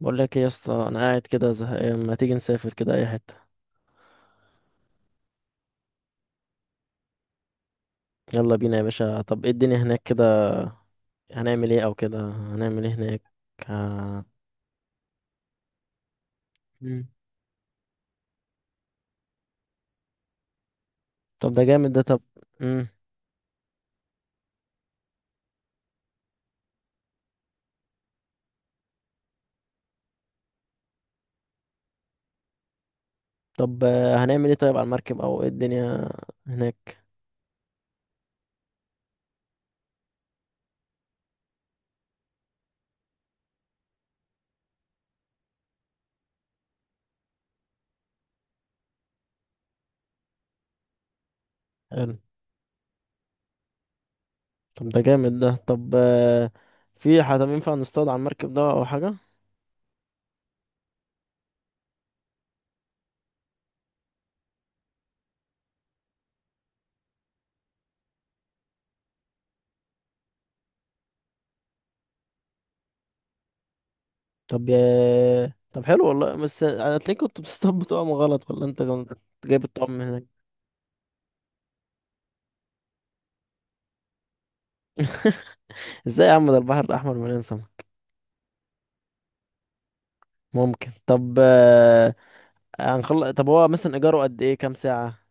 بقول لك ايه يا اسطى، انا قاعد كده زهقان. ما تيجي نسافر كده اي حته؟ يلا بينا يا باشا. طب ايه الدنيا هناك كده؟ هنعمل ايه؟ او كده هنعمل ايه هناك؟ ه- مم. طب ده جامد ده. طب مم. طب هنعمل ايه طيب على المركب او ايه الدنيا هناك؟ حلو. طب ده جامد ده. طب في حد ينفع نصطاد على المركب ده او حاجه؟ طب طب حلو والله. بس هتلاقيك كنت بتصطاد بطعم غلط، ولا انت كنت جايب الطعم من هناك؟ ازاي يا عم؟ ده البحر الاحمر مليان سمك. ممكن. طب هنخلص، طب هو مثلا ايجاره قد ايه؟ كام ساعة؟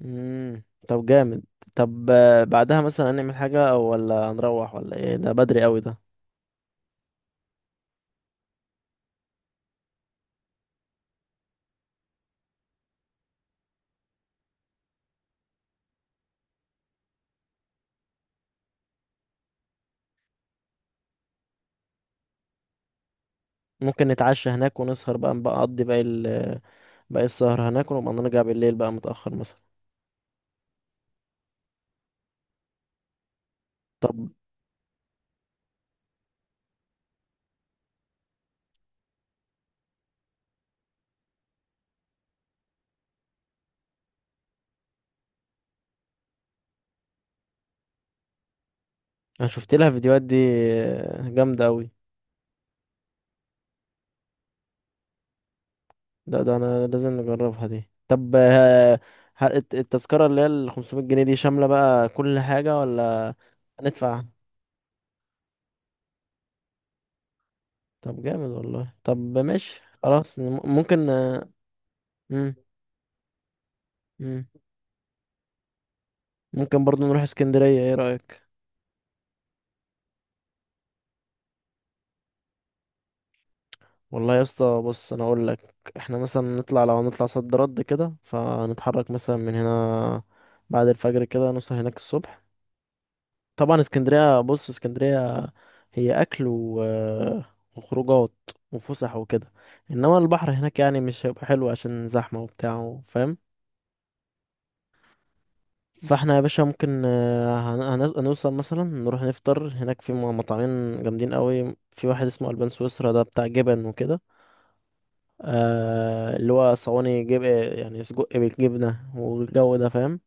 امم. طب جامد. طب بعدها مثلا هنعمل حاجة أو ولا هنروح ولا ايه؟ ده بدري قوي ده. ممكن نتعشى هناك ونسهر بقى، نبقى نقضي باقي ال باقي السهر هناك ونبقى نرجع بالليل بقى متأخر مثلا. انا شفت لها فيديوهات دي، جامدة قوي. ده انا لازم نجربها دي. طب التذكرة اللي هي ال 500 جنيه دي شاملة بقى كل حاجة ولا هندفع؟ طب جامد والله. طب ماشي خلاص. ممكن مم. مم. ممكن برضو نروح اسكندرية، ايه رأيك؟ والله يا اسطى بص، انا اقول لك احنا مثلا نطلع، لو هنطلع صد رد كده، فنتحرك مثلا من هنا بعد الفجر كده، نوصل هناك الصبح. طبعا اسكندرية، بص اسكندرية هي اكل و... وخروجات وفسح وكده، انما البحر هناك يعني مش هيبقى حلو عشان زحمة وبتاع، فاهم؟ فاحنا يا باشا ممكن هنوصل مثلا نروح نفطر هناك في مطعمين جامدين قوي. في واحد اسمه البان سويسرا، ده بتاع جبن وكده، آه اللي هو صواني جب يعني سجق بالجبنه والجو ده، فاهم؟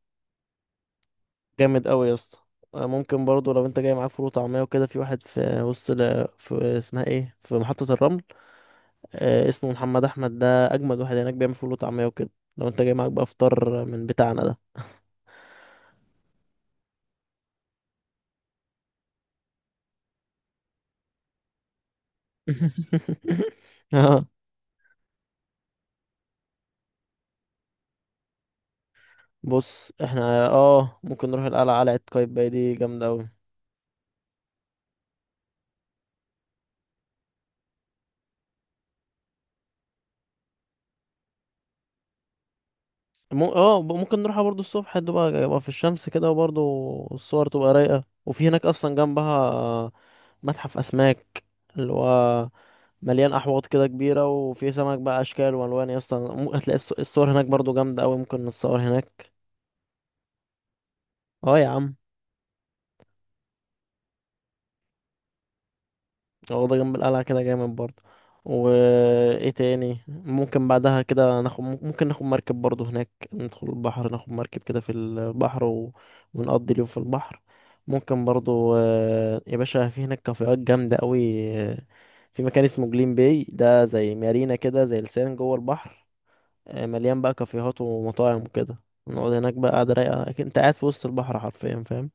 جامد قوي يا اسطى. ممكن برضو لو انت جاي معاك فول وطعميه وكده، في واحد في وسط في اسمها ايه، في محطه الرمل، آه اسمه محمد احمد، ده اجمد واحد هناك، بيعمل فول وطعميه وكده، لو انت جاي معاك بقى فطار من بتاعنا ده. اه. بص احنا اه ممكن نروح القلعة، قلعة قايتباي دي جامدة اوي. اه ممكن نروحها برضو الصبح، تبقى يبقى في الشمس كده، وبرضو الصور تبقى رايقة. وفي هناك اصلا جنبها متحف اسماك، اللي هو مليان احواض كده كبيرة، وفي سمك بقى اشكال والوان. اصلا هتلاقي الصور هناك برضو جامدة اوي، ممكن نتصور هناك. اه يا عم. واخدة جنب القلعة كده، جامد برضه. وايه تاني ممكن بعدها كده ناخد؟ ممكن ناخد مركب برضه هناك، ندخل البحر، ناخد مركب كده في البحر و... ونقضي اليوم في البحر. ممكن برضه يا باشا، في هناك كافيهات جامدة قوي. في مكان اسمه جليم باي، ده زي مارينا كده، زي لسان جوه البحر، مليان بقى كافيهات ومطاعم وكده. نقعد هناك بقى، قاعدة رايقة، أكيد انت قاعد في وسط البحر حرفيا، فاهم؟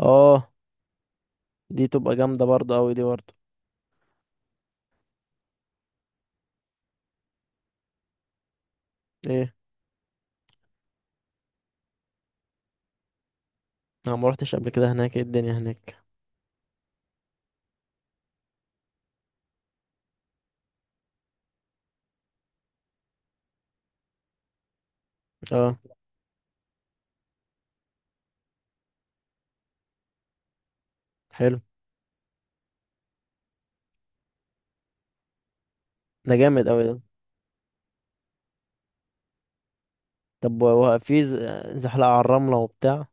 اه دي تبقى جامدة برضه قوي دي برضه. ايه؟ انا ما روحتش قبل كده هناك. ايه الدنيا هناك؟ اه حلو، ده جامد قوي ده. طب وهو في زحلقة على الرملة وبتاع؟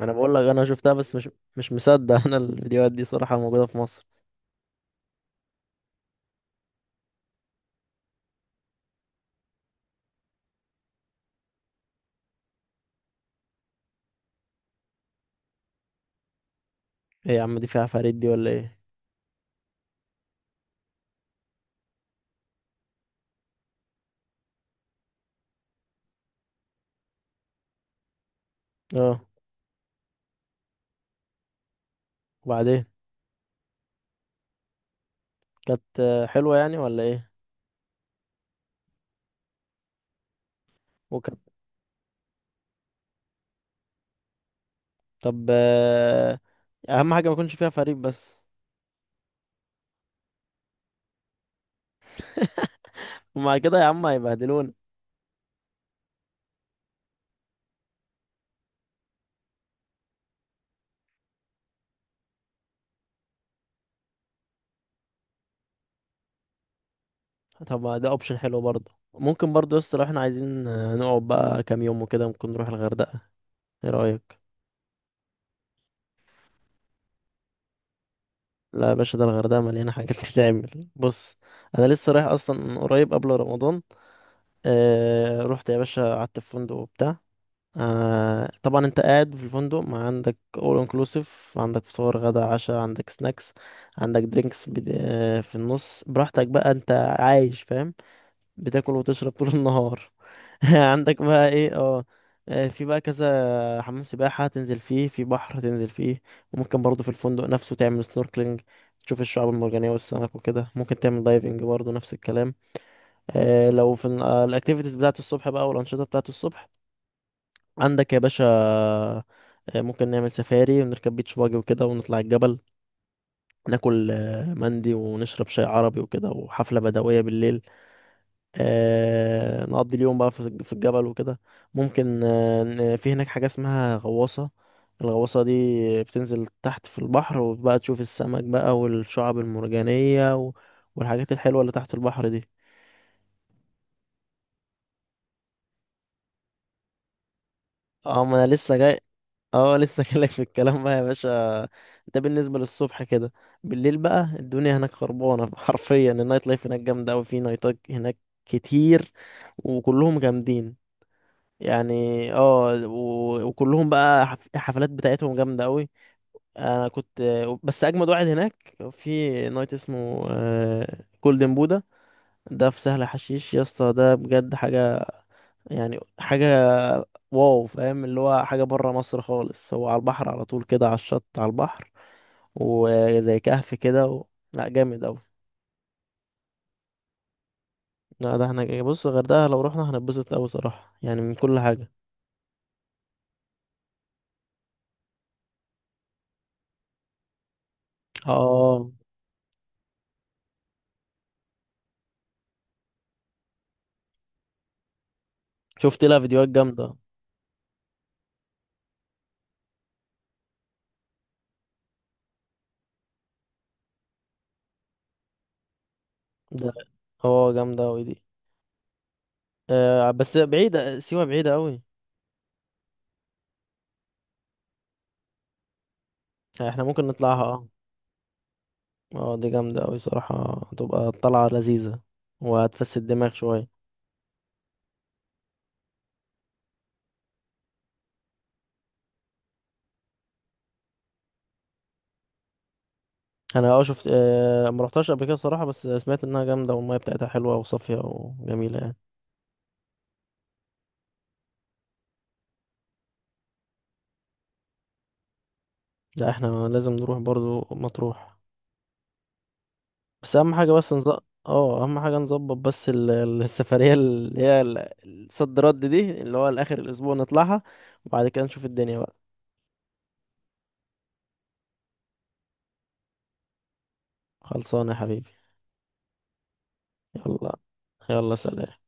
انا بقول لك انا شفتها، بس مش مصدق انا الفيديوهات دي صراحة موجودة في مصر؟ ايه يا عم، دي فيها عفاريت دي ولا ايه؟ اه، وبعدين؟ كانت حلوة يعني ولا ايه؟ وكانت طب اهم حاجة ما يكونش فيها فريق بس. ومع كده يا عم هيبهدلونا. طب ما ده اوبشن حلو برضه. ممكن برضه يا اسطى، لو احنا عايزين نقعد بقى كام يوم وكده، ممكن نروح الغردقة، ايه رأيك؟ لا يا باشا، ده الغردقة مليانة حاجات تتعمل. بص أنا لسه رايح أصلا قريب قبل رمضان، آه رحت يا باشا، قعدت في فندق وبتاع. آه طبعا أنت قاعد في الفندق، ما عندك أول انكلوسيف، عندك فطار غدا عشاء، عندك سناكس، عندك درينكس، آه في النص براحتك بقى أنت عايش، فاهم؟ بتاكل وتشرب طول النهار. عندك بقى ايه، اه، في بقى كذا حمام سباحة تنزل فيه، في بحر تنزل فيه. وممكن برضه في الفندق نفسه تعمل سنوركلينج، تشوف الشعاب المرجانية والسمك وكده. ممكن تعمل دايفنج برضه نفس الكلام. لو في الاكتيفيتيز بتاعة الصبح بقى والأنشطة بتاعة الصبح، عندك يا باشا ممكن نعمل سفاري ونركب بيتش باجي وكده، ونطلع الجبل، ناكل مندي، ونشرب شاي عربي وكده، وحفلة بدوية بالليل. نقضي اليوم بقى في في الجبل وكده. ممكن في هناك حاجة اسمها غواصة، الغواصة دي بتنزل تحت في البحر، وبقى تشوف السمك بقى والشعب المرجانية و- والحاجات الحلوة اللي تحت البحر دي. اه ما انا لسه جاي. اه لسه جايلك في الكلام بقى يا باشا. ده بالنسبة للصبح كده. بالليل بقى الدنيا هناك خربانة حرفيا. النايت لايف هناك جامدة أوي، في نايتات هناك كتير، وكلهم جامدين يعني. اه وكلهم بقى الحفلات بتاعتهم جامدة قوي. انا كنت، بس اجمد واحد هناك، في نايت اسمه جولدن بودا، ده في سهل حشيش يا اسطى. ده بجد حاجة يعني، حاجة واو، فاهم؟ اللي هو حاجة برا مصر خالص. هو على البحر على طول كده، على الشط على البحر، وزي كهف كده و... لا جامد قوي. لا ده احنا بص، الغردقة لو رحنا هنتبسط قوي صراحة يعني من كل حاجة. اه شفت لها فيديوهات جامدة. ده هو جامدة أوي دي. آه بس بعيدة، سيوة بعيدة أوي. احنا ممكن نطلعها، اه. اه دي جامدة أوي صراحة، هتبقى طلعة لذيذة وهتفسد الدماغ شوية. أنا اه شفت آه مروحتهاش قبل كده صراحة، بس سمعت إنها جامدة والمية بتاعتها حلوة وصافية وجميلة يعني. لا احنا لازم نروح برضو مطروح. بس أهم حاجة بس نظبط، اه أهم حاجة نظبط بس السفرية اللي هي الصد رد دي، اللي هو لآخر الأسبوع نطلعها، وبعد كده نشوف الدنيا بقى. خلصانة يا حبيبي. يلا. يلا سلام.